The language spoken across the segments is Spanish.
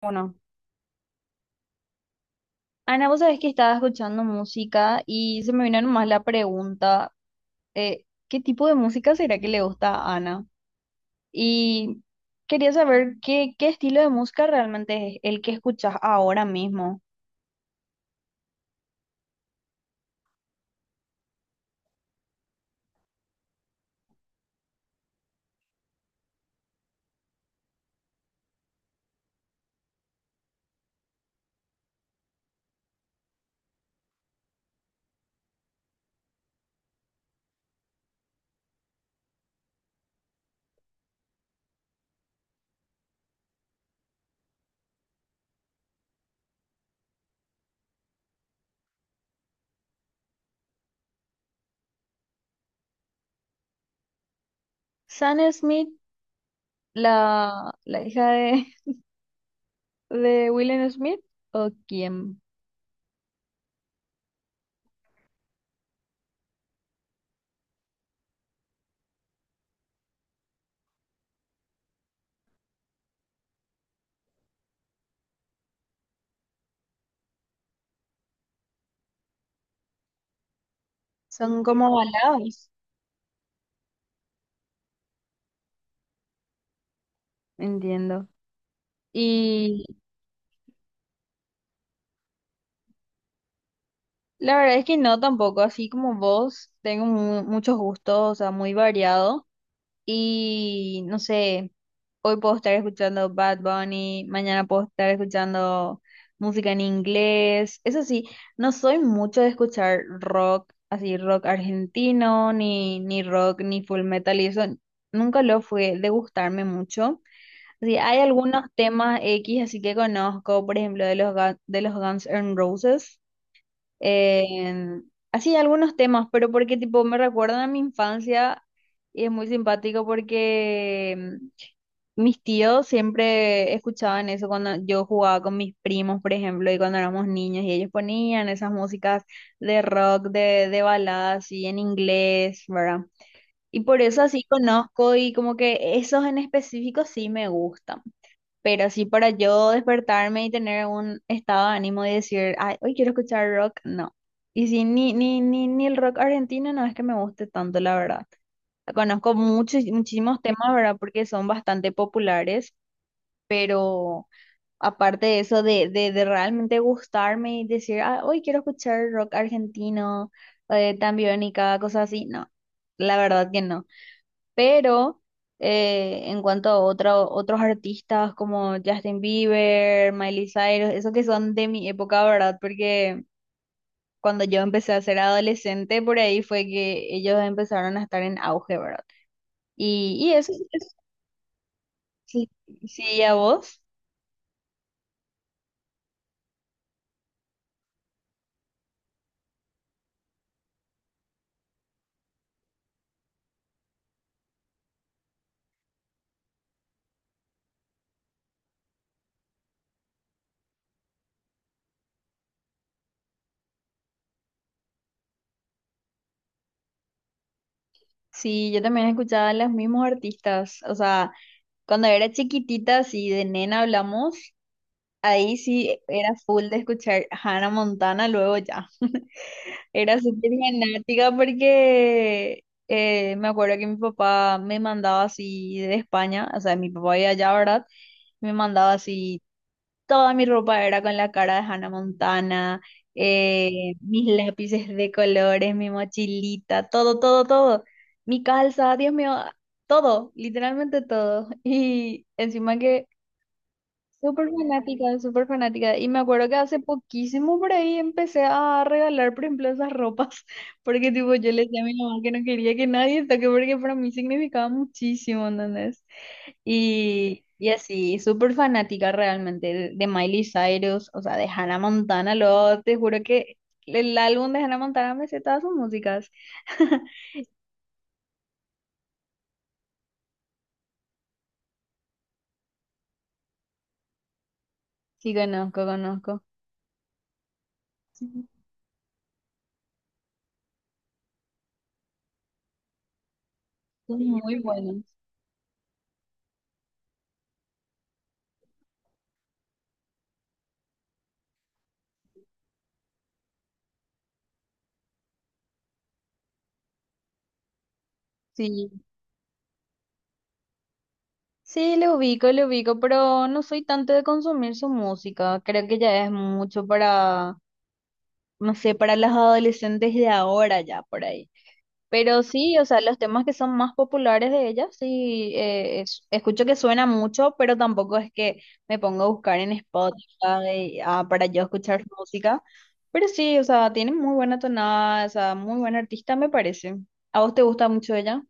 Bueno, Ana, vos sabés que estaba escuchando música y se me vino nomás la pregunta, ¿qué tipo de música será que le gusta a Ana? Y quería saber qué estilo de música realmente es el que escuchas ahora mismo. San Smith, la hija de, ¿de Will Smith? ¿O quién? Son como baladas, entiendo. Y la verdad es que no tampoco, así como vos, tengo muchos gustos, o sea, muy variado. Y no sé, hoy puedo estar escuchando Bad Bunny, mañana puedo estar escuchando música en inglés. Eso sí, no soy mucho de escuchar rock, así rock argentino, ni rock, ni full metal, y eso nunca lo fue de gustarme mucho. Así, hay algunos temas X así que conozco, por ejemplo, de de los Guns N' Roses así algunos temas, pero porque tipo me recuerdan a mi infancia y es muy simpático porque mis tíos siempre escuchaban eso cuando yo jugaba con mis primos, por ejemplo, y cuando éramos niños y ellos ponían esas músicas de rock, de baladas y en inglés, ¿verdad? Y por eso así conozco y como que esos en específico sí me gustan. Pero sí, para yo despertarme y tener un estado de ánimo y decir, ay, hoy quiero escuchar rock, no. Y sí, ni el rock argentino no es que me guste tanto, la verdad. Conozco muchos, muchísimos temas, ¿verdad? Porque son bastante populares, pero aparte de eso, de realmente gustarme y decir, ah, hoy quiero escuchar rock argentino, Tambiónica, cosas así, no. La verdad que no. Pero en cuanto a otros artistas como Justin Bieber, Miley Cyrus, esos que son de mi época, ¿verdad? Porque cuando yo empecé a ser adolescente, por ahí fue que ellos empezaron a estar en auge, ¿verdad? Y eso sí, sí, sí, a vos. Sí, yo también escuchaba a los mismos artistas. O sea, cuando era chiquitita, si de nena hablamos, ahí sí era full de escuchar Hannah Montana luego ya. Era súper fanática porque me acuerdo que mi papá me mandaba así de España, o sea, mi papá iba allá, ¿verdad? Me mandaba así, toda mi ropa era con la cara de Hannah Montana, eh, mis lápices de colores, mi mochilita, todo, todo, todo. Mi calza, Dios mío, todo, literalmente todo. Y encima que súper fanática, súper fanática. Y me acuerdo que hace poquísimo por ahí empecé a regalar, por ejemplo, esas ropas, porque tipo yo le decía a mi mamá que no quería que nadie toque, porque para mí significaba muchísimo, ¿entendés? Y así, súper fanática realmente de Miley Cyrus, o sea, de Hannah Montana, lo, te juro que el álbum de Hannah Montana me sé todas sus músicas. Sí, conozco, conozco. Sí, son muy buenos. Sí, sí, le ubico, pero no soy tanto de consumir su música. Creo que ya es mucho para, no sé, para las adolescentes de ahora ya por ahí. Pero sí, o sea, los temas que son más populares de ella, sí, escucho que suena mucho, pero tampoco es que me pongo a buscar en Spotify, ah, para yo escuchar su música. Pero sí, o sea, tiene muy buena tonada, o sea, muy buena artista me parece. ¿A vos te gusta mucho ella?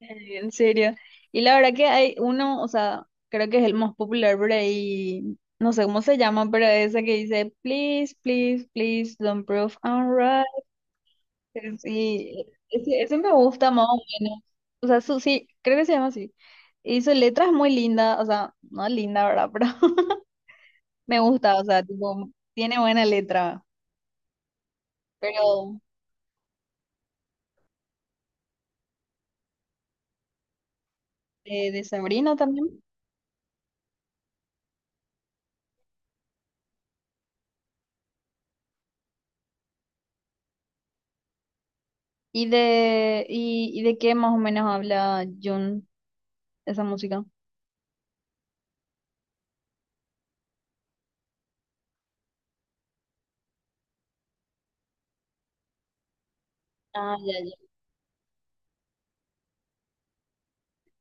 ¿En serio? Y la verdad que hay uno, o sea, creo que es el más popular por ahí, no sé cómo se llama, pero esa que dice, please, please, please, don't prove I'm right. Sí, ese me gusta más o menos. O sea, su, sí, creo que se llama así. Y su letra es muy linda, o sea, no linda, ¿verdad? Pero me gusta, o sea, tipo, tiene buena letra. Pero de Sabrina también. ¿Y y de qué más o menos habla Jun, esa música? Ah, ya,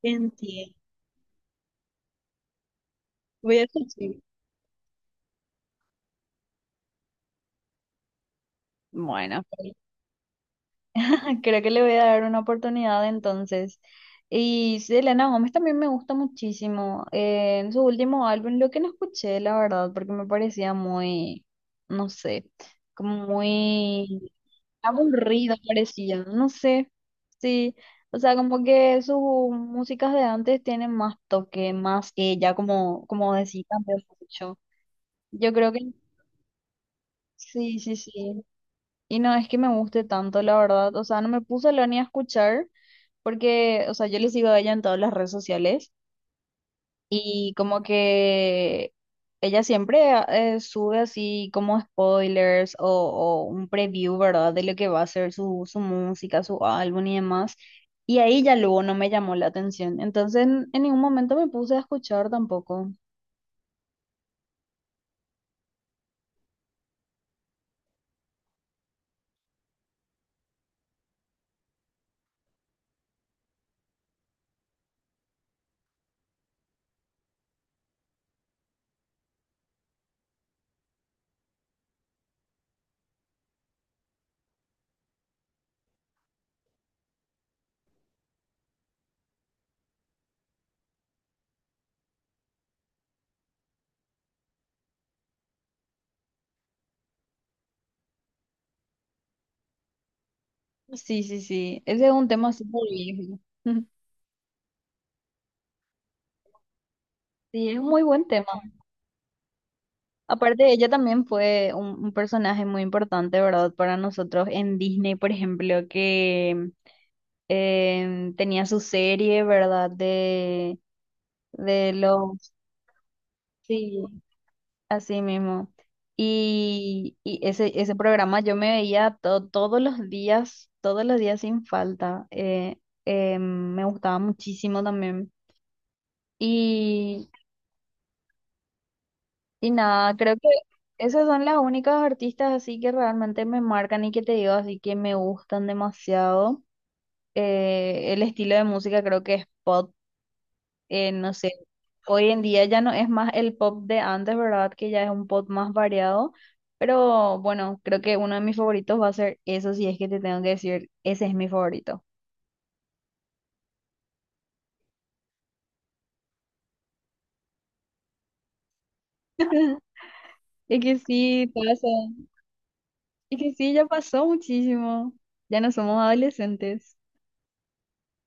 entiendo. Voy a escuchar. Bueno, pues, creo que le voy a dar una oportunidad entonces. Y sí, Selena Gómez también me gusta muchísimo. En su último álbum, lo que no escuché, la verdad, porque me parecía muy, no sé, como muy aburrido parecía, no sé. Sí, o sea, como que sus músicas de antes tienen más toque, más ella, como decía, cambió mucho. Yo creo que sí, sí, sí. Y no es que me guste tanto, la verdad. O sea, no me puse a hablar ni a escuchar porque, o sea, yo le sigo a ella en todas las redes sociales y como que ella siempre ah, sube así como spoilers o un preview, ¿verdad? De lo que va a ser su música, su álbum y demás. Y ahí ya luego no me llamó la atención. Entonces, en ningún momento me puse a escuchar tampoco. Sí, sí, sí. Ese es un tema súper viejo. Sí, es un muy buen tema. Aparte, ella también fue un personaje muy importante, ¿verdad? Para nosotros en Disney, por ejemplo, que tenía su serie, ¿verdad? De los... Sí, así mismo. Y ese, ese programa yo me veía todos los días sin falta. Me gustaba muchísimo también. Y nada, creo que esas son las únicas artistas así que realmente me marcan y que te digo así que me gustan demasiado. El estilo de música creo que es pop, no sé, hoy en día ya no es más el pop de antes, ¿verdad? Que ya es un pop más variado, pero bueno, creo que uno de mis favoritos va a ser eso, si es que te tengo que decir, ese es mi favorito. Es que sí, pasa, es que sí, ya pasó muchísimo, ya no somos adolescentes.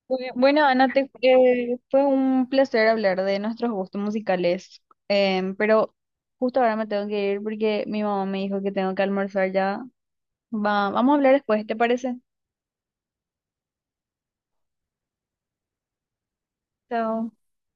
Bueno, Ana, fue un placer hablar de nuestros gustos musicales, pero justo ahora me tengo que ir porque mi mamá me dijo que tengo que almorzar ya. Vamos a hablar después, ¿te parece? Chao.